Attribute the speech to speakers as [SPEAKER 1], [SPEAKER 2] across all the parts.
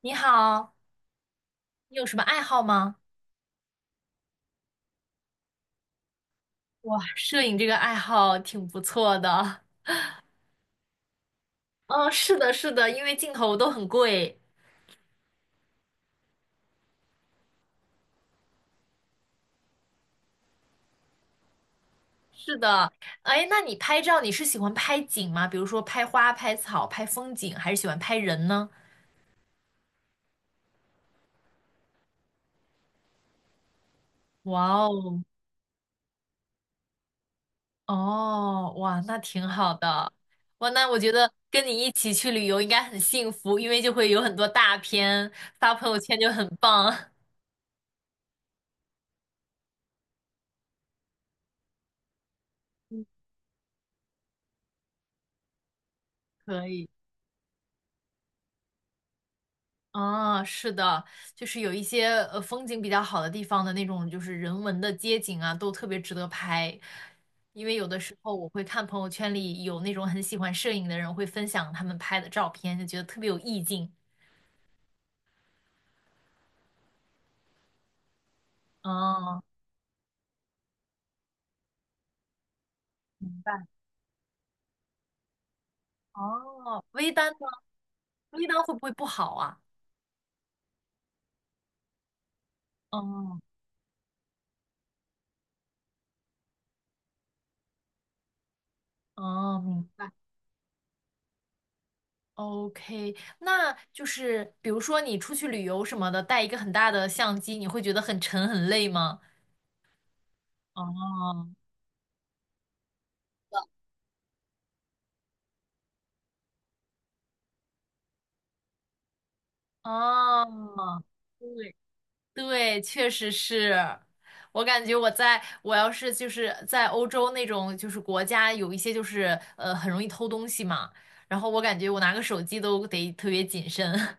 [SPEAKER 1] 你好，你有什么爱好吗？哇，摄影这个爱好挺不错的。嗯，是的，是的，因为镜头都很贵。是的，哎，那你拍照你是喜欢拍景吗？比如说拍花、拍草、拍风景，还是喜欢拍人呢？哇哦，哦，哇，那挺好的。哇，那我觉得跟你一起去旅游应该很幸福，因为就会有很多大片，发朋友圈就很棒。可以。啊，是的，就是有一些风景比较好的地方的那种，就是人文的街景啊，都特别值得拍。因为有的时候我会看朋友圈里有那种很喜欢摄影的人会分享他们拍的照片，就觉得特别有意境。哦，明白。哦，微单呢？微单会不会不好啊？哦，哦，明白。OK，那就是比如说你出去旅游什么的，带一个很大的相机，你会觉得很沉很累吗？哦。哦，对对，确实是。我感觉我要是就是在欧洲那种就是国家有一些就是很容易偷东西嘛，然后我感觉我拿个手机都得特别谨慎。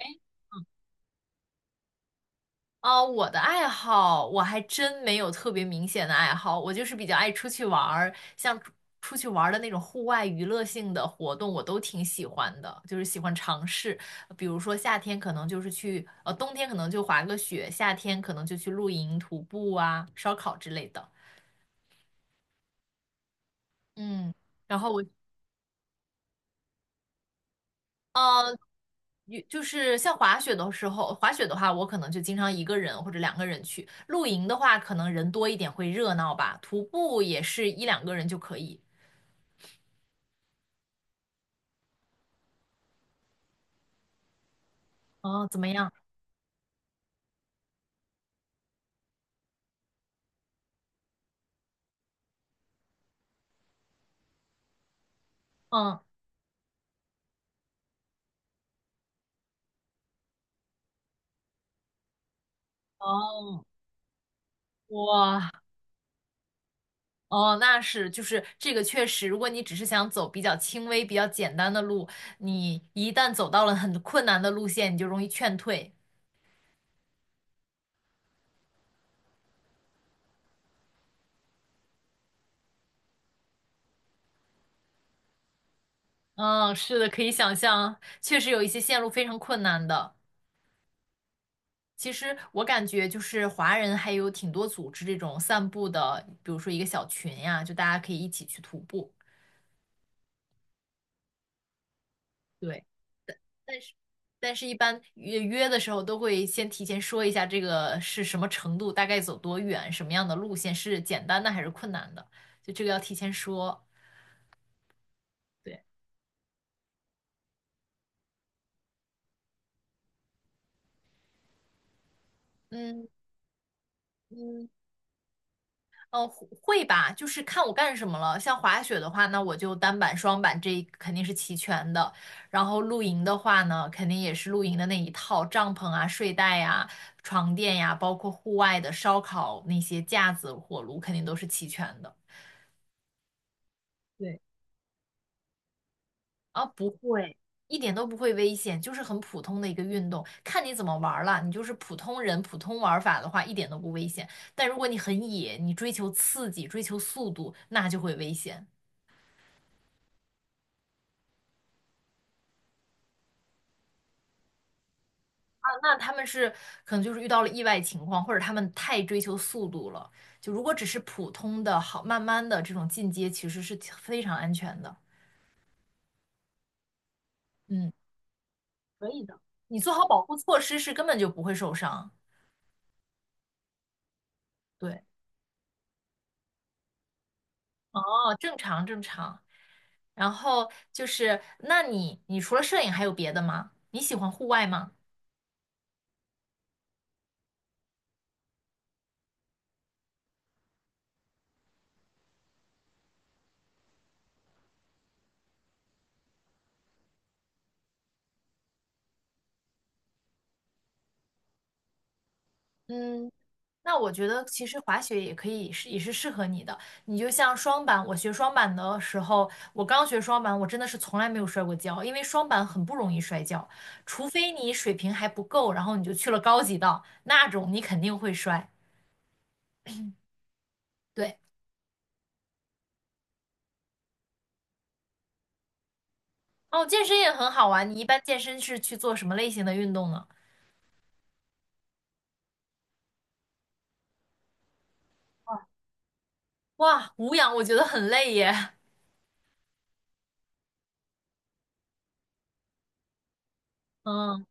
[SPEAKER 1] 啊，我的爱好我还真没有特别明显的爱好，我就是比较爱出去玩儿，像出去玩儿的那种户外娱乐性的活动，我都挺喜欢的，就是喜欢尝试。比如说夏天可能就是去，冬天可能就滑个雪，夏天可能就去露营、徒步啊、烧烤之类的。嗯，然后我，呃有就是像滑雪的时候，滑雪的话，我可能就经常一个人或者两个人去。露营的话，可能人多一点会热闹吧。徒步也是一两个人就可以。哦，怎么样？嗯，哦，哇，哦，那是，就是这个确实，如果你只是想走比较轻微、比较简单的路，你一旦走到了很困难的路线，你就容易劝退。嗯，是的，可以想象，确实有一些线路非常困难的。其实我感觉就是华人还有挺多组织这种散步的，比如说一个小群呀，就大家可以一起去徒步。对，但是但是一般约的时候都会先提前说一下这个是什么程度，大概走多远，什么样的路线是简单的还是困难的，就这个要提前说。对，嗯嗯，呃，会吧，就是看我干什么了。像滑雪的话，那我就单板、双板这一肯定是齐全的。然后露营的话呢，肯定也是露营的那一套，帐篷啊、睡袋呀、床垫呀，包括户外的烧烤那些架子、火炉，肯定都是齐全的。对，啊，不会，一点都不会危险，就是很普通的一个运动，看你怎么玩儿了。你就是普通人、普通玩法的话，一点都不危险。但如果你很野，你追求刺激、追求速度，那就会危险。那他们是可能就是遇到了意外情况，或者他们太追求速度了。就如果只是普通的好，慢慢的这种进阶，其实是非常安全的。嗯，可以的。你做好保护措施是根本就不会受伤。对，哦，正常正常。然后就是，那你除了摄影还有别的吗？你喜欢户外吗？嗯，那我觉得其实滑雪也可以是也是适合你的。你就像双板，我学双板的时候，我刚学双板，我真的是从来没有摔过跤，因为双板很不容易摔跤，除非你水平还不够，然后你就去了高级道，那种你肯定会摔。对，哦，健身也很好玩。你一般健身是去做什么类型的运动呢？哇，无氧我觉得很累耶。嗯，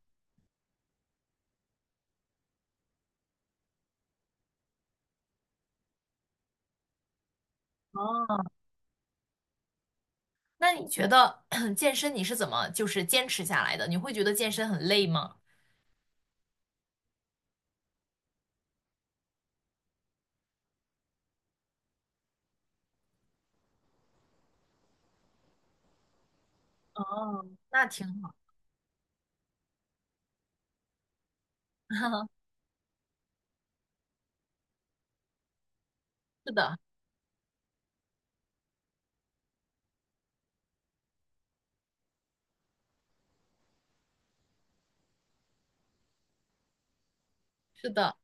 [SPEAKER 1] 哦，那你觉得 健身你是怎么就是坚持下来的？你会觉得健身很累吗？哦，那挺好。是的，是的，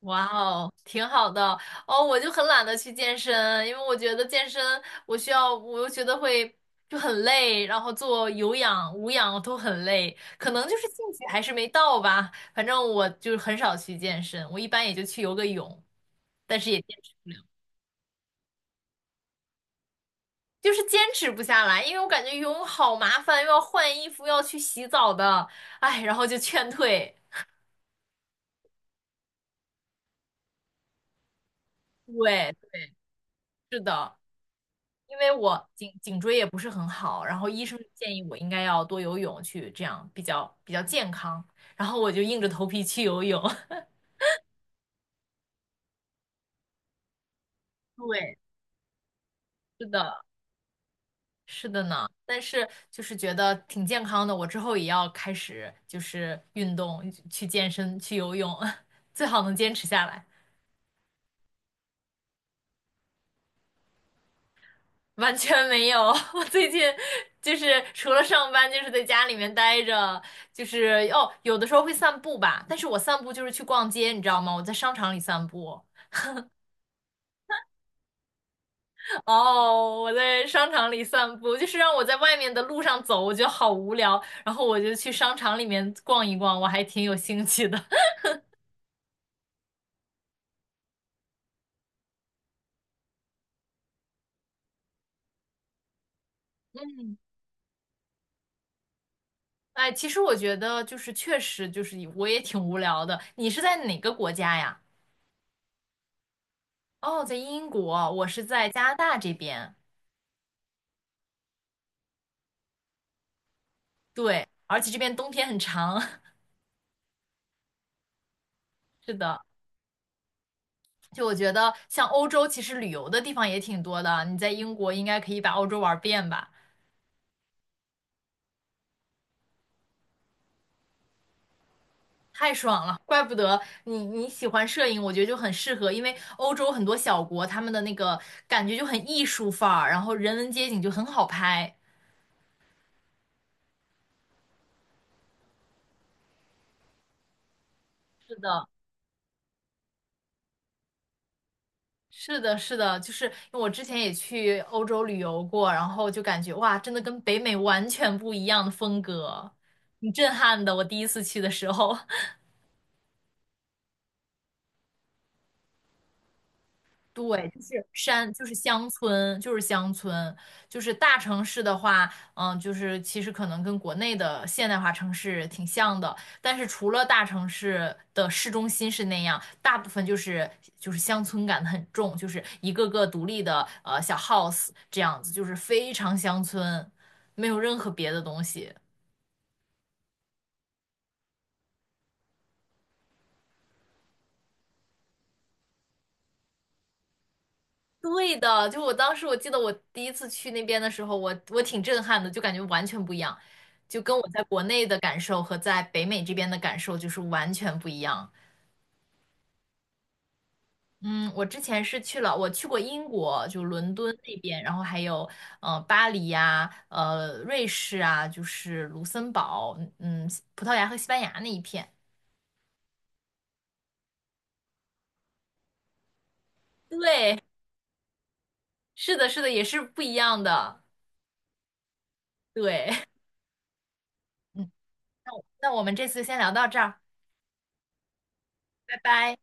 [SPEAKER 1] 哇哦，挺好的哦。我就很懒得去健身，因为我觉得健身我需要，我又觉得会就很累，然后做有氧、无氧都很累，可能就是兴趣还是没到吧。反正我就很少去健身，我一般也就去游个泳，但是也坚持不了，就是坚持不下来，因为我感觉游泳好麻烦，又要换衣服，又要去洗澡的，哎，然后就劝退。对，是的。因为我颈椎也不是很好，然后医生建议我应该要多游泳，去这样比较健康，然后我就硬着头皮去游泳。对，是的，是的呢。但是就是觉得挺健康的，我之后也要开始就是运动，去健身，去游泳，最好能坚持下来。完全没有，我最近就是除了上班，就是在家里面待着，就是哦，有的时候会散步吧，但是我散步就是去逛街，你知道吗？我在商场里散步，哦，我在商场里散步，就是让我在外面的路上走，我觉得好无聊，然后我就去商场里面逛一逛，我还挺有兴趣的。嗯，哎，其实我觉得就是确实就是我也挺无聊的。你是在哪个国家呀？哦，在英国，我是在加拿大这边。对，而且这边冬天很长，是的。就我觉得，像欧洲其实旅游的地方也挺多的。你在英国应该可以把欧洲玩遍吧？太爽了，怪不得你喜欢摄影，我觉得就很适合，因为欧洲很多小国，他们的那个感觉就很艺术范儿，然后人文街景就很好拍。是的，是的，就是因为我之前也去欧洲旅游过，然后就感觉哇，真的跟北美完全不一样的风格，挺震撼的。我第一次去的时候。对，就是山，就是乡村，就是大城市的话，嗯，就是其实可能跟国内的现代化城市挺像的，但是除了大城市的市中心是那样，大部分就是乡村感很重，就是一个个独立的小 house 这样子，就是非常乡村，没有任何别的东西。对的，就我当时我记得我第一次去那边的时候，我挺震撼的，就感觉完全不一样，就跟我在国内的感受和在北美这边的感受就是完全不一样。嗯，我之前是去了，我去过英国，就伦敦那边，然后还有巴黎呀、瑞士啊，就是卢森堡，嗯，葡萄牙和西班牙那一片。对，是的，是的，也是不一样的。对，嗯，那我们这次先聊到这儿，拜拜。